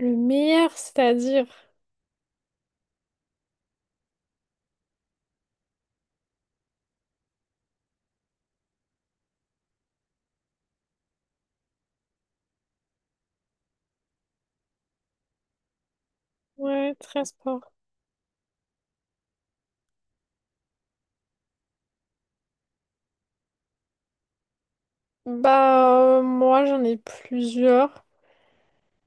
Le meilleur, c'est-à-dire, ouais, très sport. Moi, j'en ai plusieurs.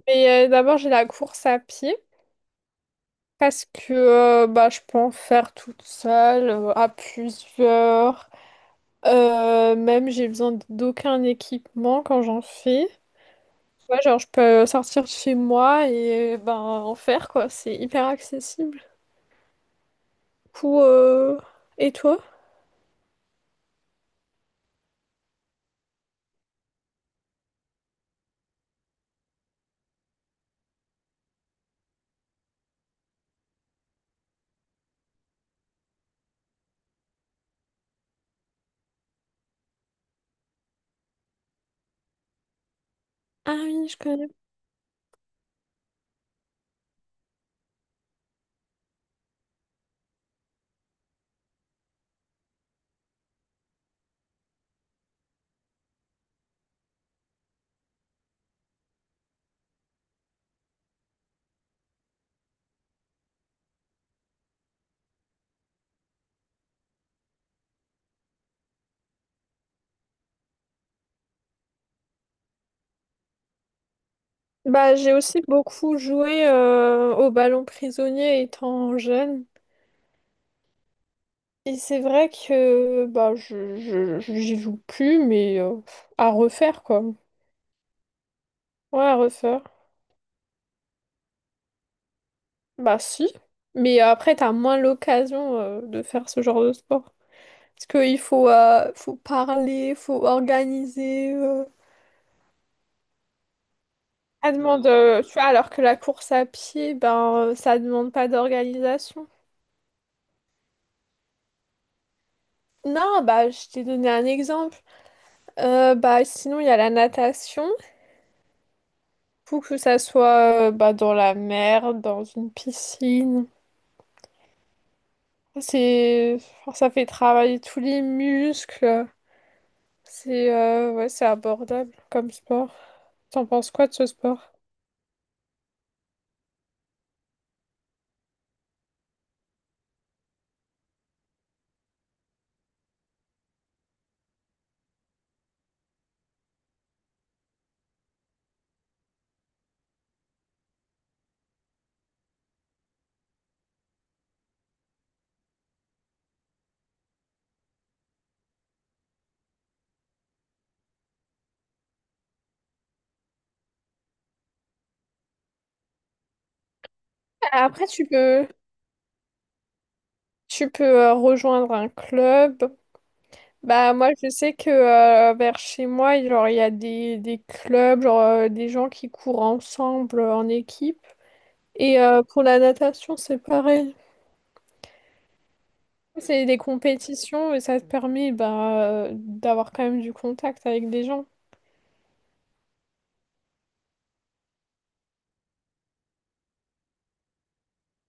Mais d'abord, j'ai la course à pied parce que je peux en faire toute seule, à plusieurs. Même, j'ai besoin d'aucun équipement quand j'en fais. Ouais, genre, je peux sortir de chez moi et en faire, quoi. C'est hyper accessible. Pour, euh, Et toi? Ah oui, je connais. J'ai aussi beaucoup joué au ballon prisonnier étant jeune. Et c'est vrai que j'y joue plus, mais à refaire quoi. Ouais, à refaire. Bah si. Mais après, t'as moins l'occasion de faire ce genre de sport. Parce qu'il faut parler, faut organiser. Ça demande, tu vois, alors que la course à pied, ça demande pas d'organisation. Non, bah, je t'ai donné un exemple. Sinon, il y a la natation. Faut que ça soit dans la mer, dans une piscine. C'est... enfin, ça fait travailler tous les muscles. C'est ouais, c'est abordable comme sport. T'en penses quoi de ce sport? Après, tu peux rejoindre un club. Bah, moi, je sais que vers chez moi, il y a des clubs, genre, des gens qui courent ensemble en équipe. Et pour la natation, c'est pareil. C'est des compétitions et ça te permet d'avoir quand même du contact avec des gens.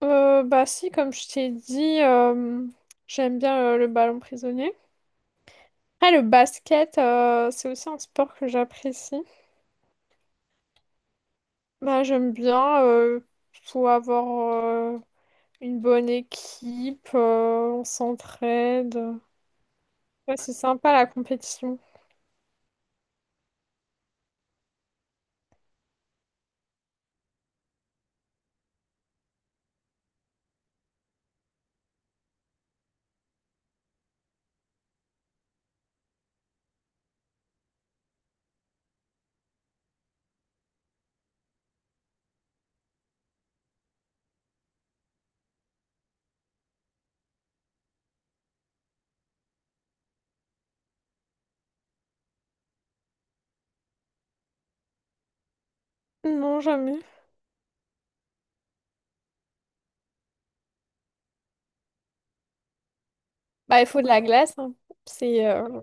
Bah si, comme je t'ai dit, j'aime bien le ballon prisonnier. Après, le basket, c'est aussi un sport que j'apprécie. Bah, j'aime bien, faut avoir euh, une bonne équipe, on s'entraide. Ouais, c'est sympa la compétition. Non, jamais. Bah, il faut de la glace, hein. C'est... euh,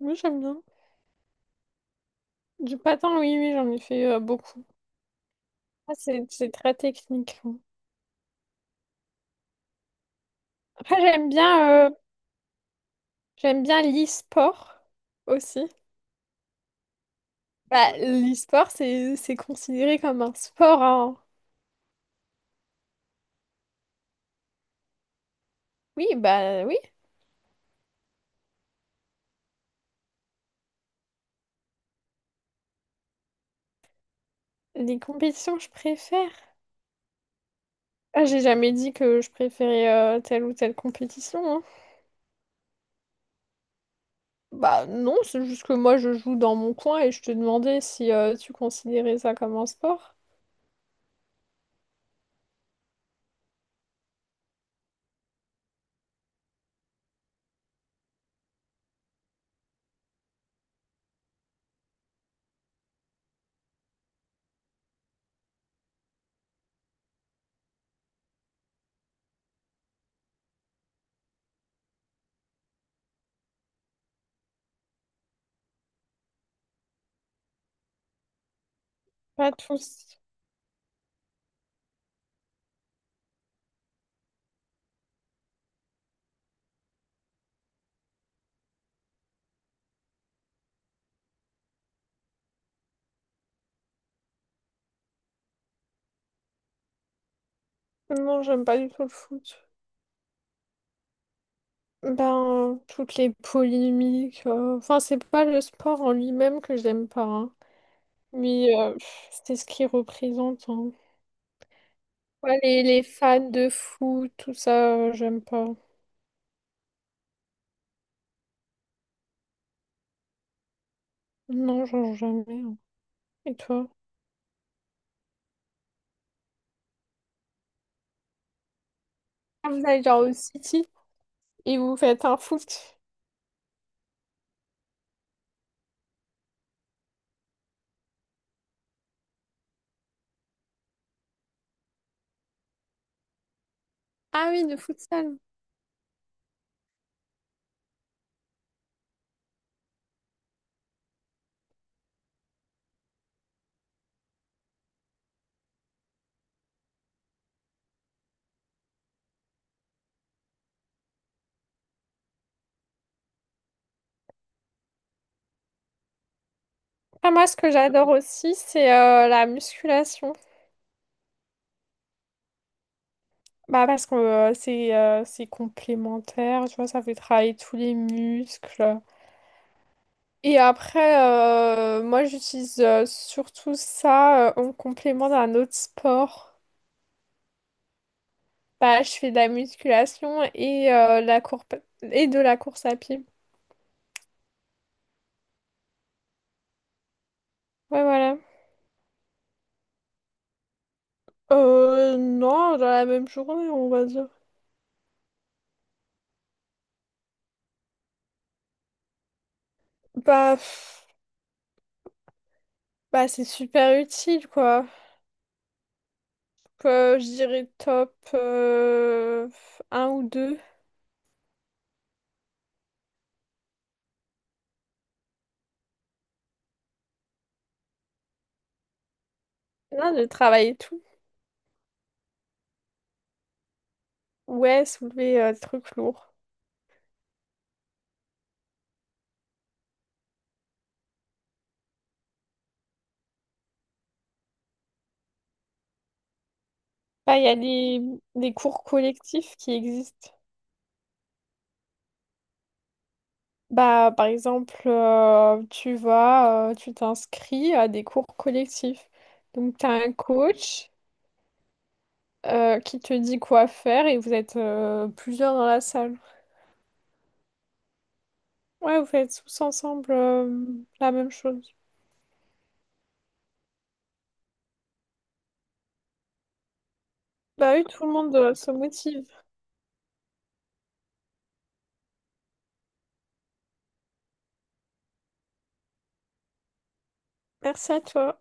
Oui, j'aime bien. Du patin, oui, oui, j'en ai fait beaucoup. Ah, c'est très technique, hein. Après, j'aime bien l'e-sport aussi. Bah, l'e-sport, c'est considéré comme un sport, hein. Oui, bah oui. Les compétitions, je préfère. Ah, j'ai jamais dit que je préférais telle ou telle compétition, hein. Bah non, c'est juste que moi, je joue dans mon coin et je te demandais si tu considérais ça comme un sport. Pas tous. Non, j'aime pas du tout le foot. Ben, toutes les polémiques. Enfin, c'est pas le sport en lui-même que j'aime pas, hein. Mais c'est ce qu'il représente, hein. Ouais, les fans de foot, tout ça, j'aime pas. Non, j'en joue jamais, hein. Et toi? Ah, vous allez genre au City et vous faites un foot. Ah oui, de futsal. Ah, moi, ce que j'adore aussi, c'est la musculation. Bah, parce que c'est complémentaire, tu vois, ça fait travailler tous les muscles. Et après, moi, j'utilise surtout ça en complément d'un autre sport. Bah, je fais de la musculation et la courbe et de la course à pied. Ouais, voilà. Non, dans la même journée, on va dire. Bah, pff, Bah c'est super utile, quoi. Je dirais top un ou deux. Non, de travailler tout. Ouais, soulever des trucs lourds. Bah, il y a des cours collectifs qui existent. Bah, par exemple, tu vas, tu t'inscris à des cours collectifs. Donc, tu as un coach qui te dit quoi faire et vous êtes plusieurs dans la salle. Ouais, vous faites tous ensemble la même chose. Bah oui, tout le monde se motive. Merci à toi.